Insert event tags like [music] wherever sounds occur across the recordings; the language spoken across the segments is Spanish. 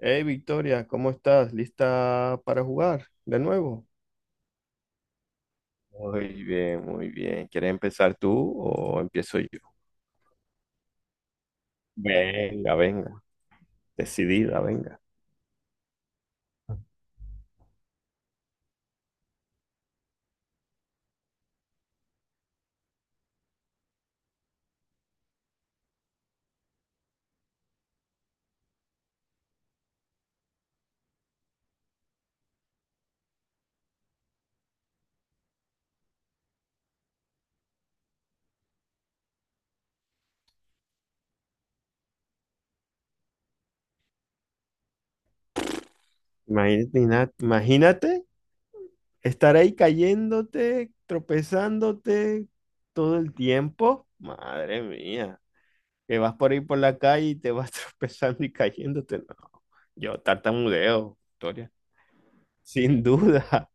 Hey Victoria, ¿cómo estás? ¿Lista para jugar de nuevo? Muy bien, muy bien. ¿Quieres empezar tú o empiezo yo? Venga, venga, decidida, venga. Imagínate, imagínate estar ahí cayéndote, tropezándote todo el tiempo. Madre mía, que vas por ahí por la calle y te vas [laughs] tropezando y cayéndote. No, yo tartamudeo, Victoria. Sin duda.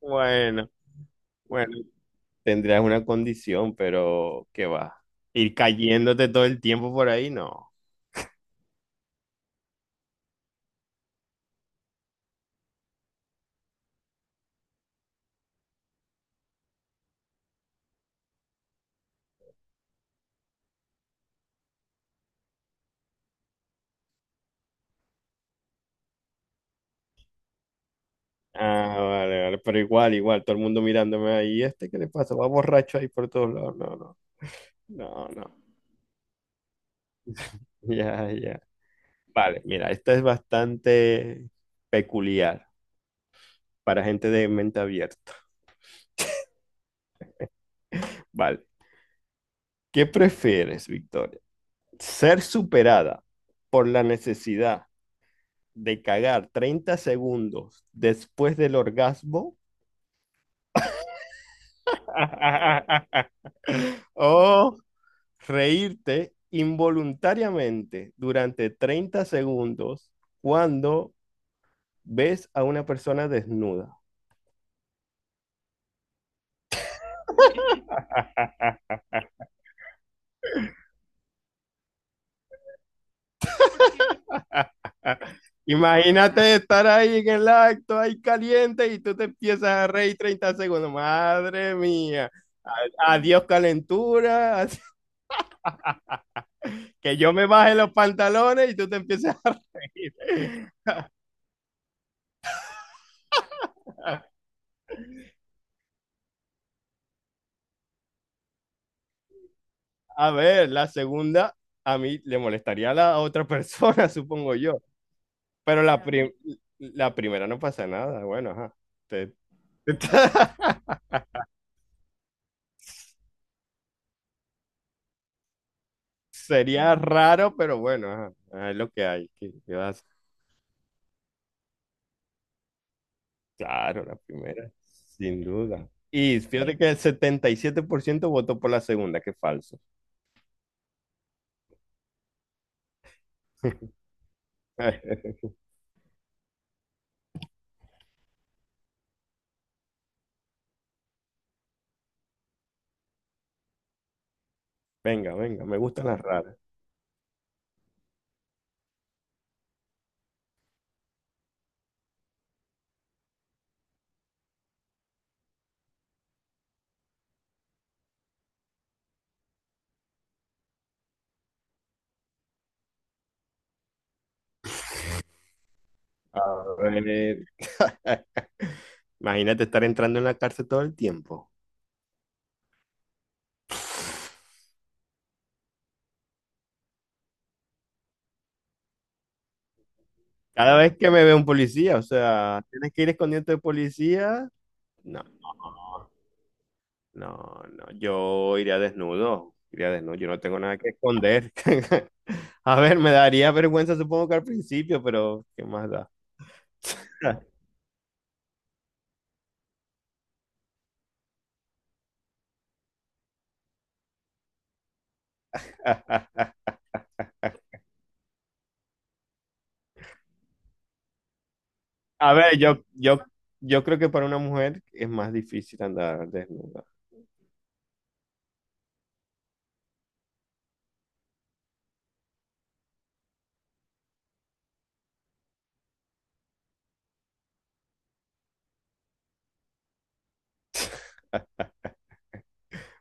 Bueno, bueno, tendrías una condición, pero ¿qué va? Ir cayéndote todo el tiempo por ahí, no. Ah, vale, vale, pero igual, igual, todo el mundo mirándome ahí, ¿este qué le pasa? Va borracho ahí por todos lados. No, no, no, no. [laughs] Ya, ya. Vale, mira, esta es bastante peculiar para gente de mente abierta. Vale. ¿Qué prefieres, Victoria? ¿Ser superada por la necesidad de cagar 30 segundos después del orgasmo [laughs] o reírte involuntariamente durante 30 segundos cuando ves a una persona desnuda? Imagínate estar ahí en el acto, ahí caliente, y tú te empiezas a reír 30 segundos. Madre mía. Adiós calentura. [laughs] Que yo me baje los pantalones y tú te empiezas a reír. A ver, la segunda a mí le molestaría a la otra persona, [laughs] supongo yo. Claro. La primera no pasa nada. Bueno, ajá. Te- [laughs] Sería raro, pero bueno, ajá. Ah, es lo que hay. ¿Qué vas? Claro, la primera, sin duda. Y fíjate que el 77% votó por la segunda, qué falso. [laughs] Venga, venga, me gustan las raras. A ver. [laughs] Imagínate estar entrando en la cárcel todo el tiempo. Cada vez que me ve un policía, o sea, tienes que ir escondiendo de policía. No, no, no, yo iría desnudo, yo no tengo nada que esconder. [laughs] A ver, me daría vergüenza supongo que al principio, pero ¿qué más da? [laughs] A ver, yo creo que para una mujer es más difícil andar desnuda.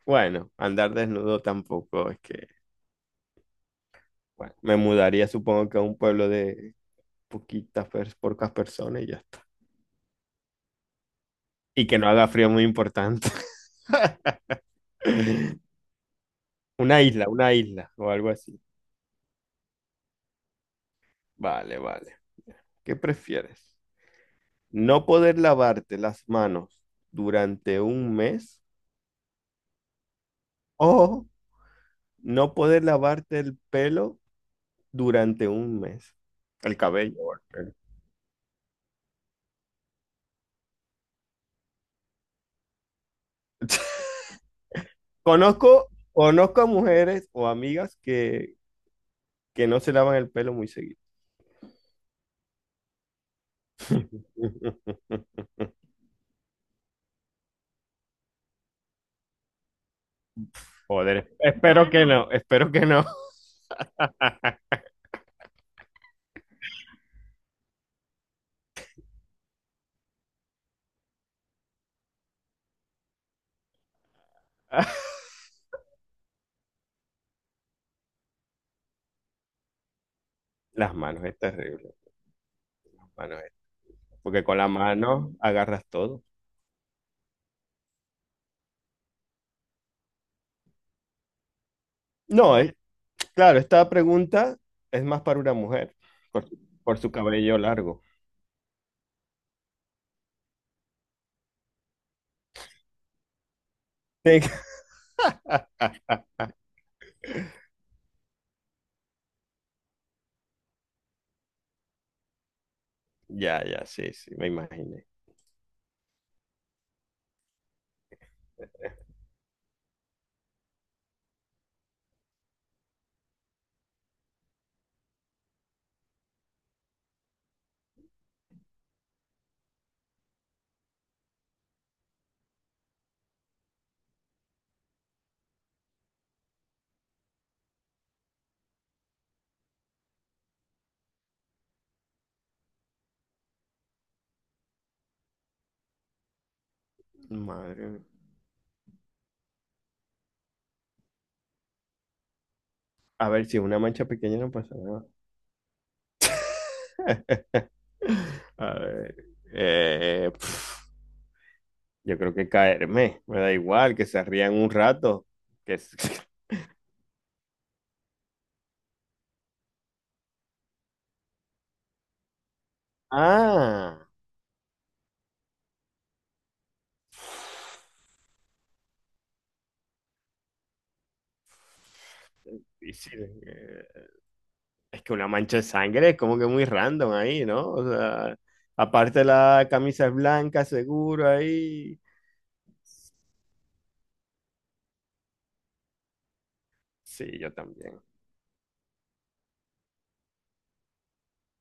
Bueno, andar desnudo tampoco es que, bueno, me mudaría supongo que a un pueblo de pocas personas y ya está. Y que no haga frío muy importante. [laughs] Una isla o algo así. Vale, vale. ¿Qué prefieres? ¿No poder lavarte las manos durante un mes o no poder lavarte el pelo durante un mes? El cabello o el pelo. [laughs] Conozco a mujeres o amigas que no se lavan el pelo muy seguido. [laughs] Joder, espero que no, espero que no. [laughs] Las manos es terrible, las manos porque con la mano agarras todo. No, claro, esta pregunta es más para una mujer, por, su por su cabello largo. Sí. [laughs] Ya, ya, sí, sí, me imaginé. Madre mía. A ver, si es una mancha pequeña no pasa nada. [laughs] A ver. Eh, pf, yo creo que caerme, me da igual, que se rían un rato. Que... s- [laughs] Ah, difícil. Es que una mancha de sangre es como que muy random ahí, ¿no? O sea, aparte la camisa es blanca, seguro ahí. Sí, yo también.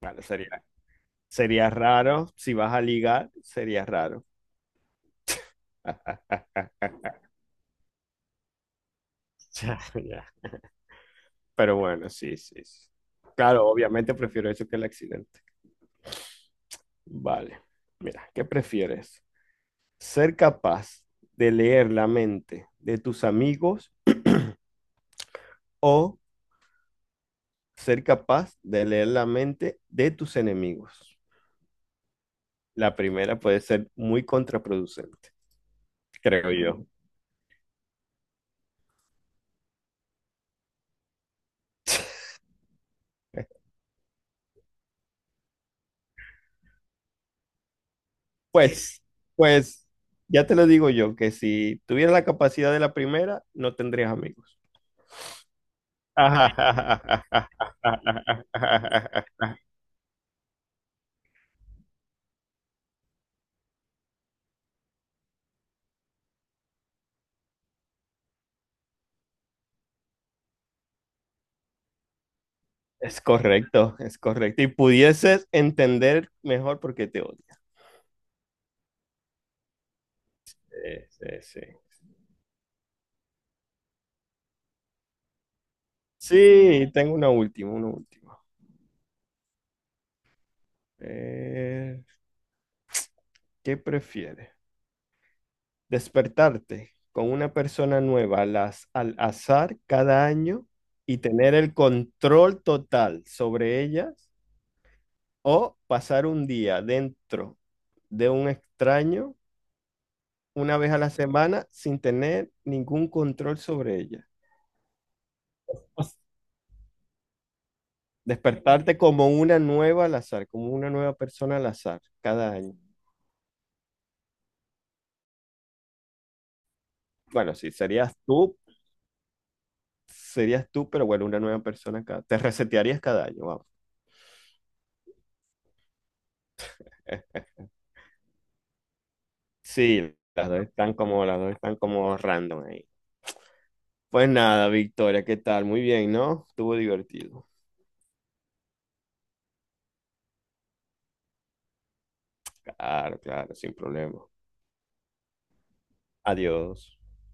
Bueno, sería, sería raro. Si vas a ligar, sería raro. [laughs] Ya, ya. Pero bueno, sí, sí, sí. Claro, obviamente prefiero eso que el accidente. Vale. Mira, ¿qué prefieres? ¿Ser capaz de leer la mente de tus amigos o ser capaz de leer la mente de tus enemigos? La primera puede ser muy contraproducente, creo yo. [laughs] Pues, pues, ya te lo digo yo, que si tuvieras la capacidad de la primera, no tendrías amigos. [laughs] Es correcto, es correcto. Y pudieses entender mejor por qué te odias. Sí, sí, sí. Sí, tengo una última, una última. Eh, ¿Qué prefieres? Despertarte con una persona nueva al azar cada año y tener el control total sobre ellas o pasar un día dentro de un extraño una vez a la semana sin tener ningún control sobre ellas. Despertarte como una nueva al azar, como una nueva persona al azar cada año. Bueno, sí, serías tú, pero bueno, una nueva persona cada. Te resetearías cada año, vamos. Sí, las dos están como random ahí. Pues nada, Victoria, ¿qué tal? Muy bien, ¿no? Estuvo divertido. Claro, claro, sin problema. Adiós.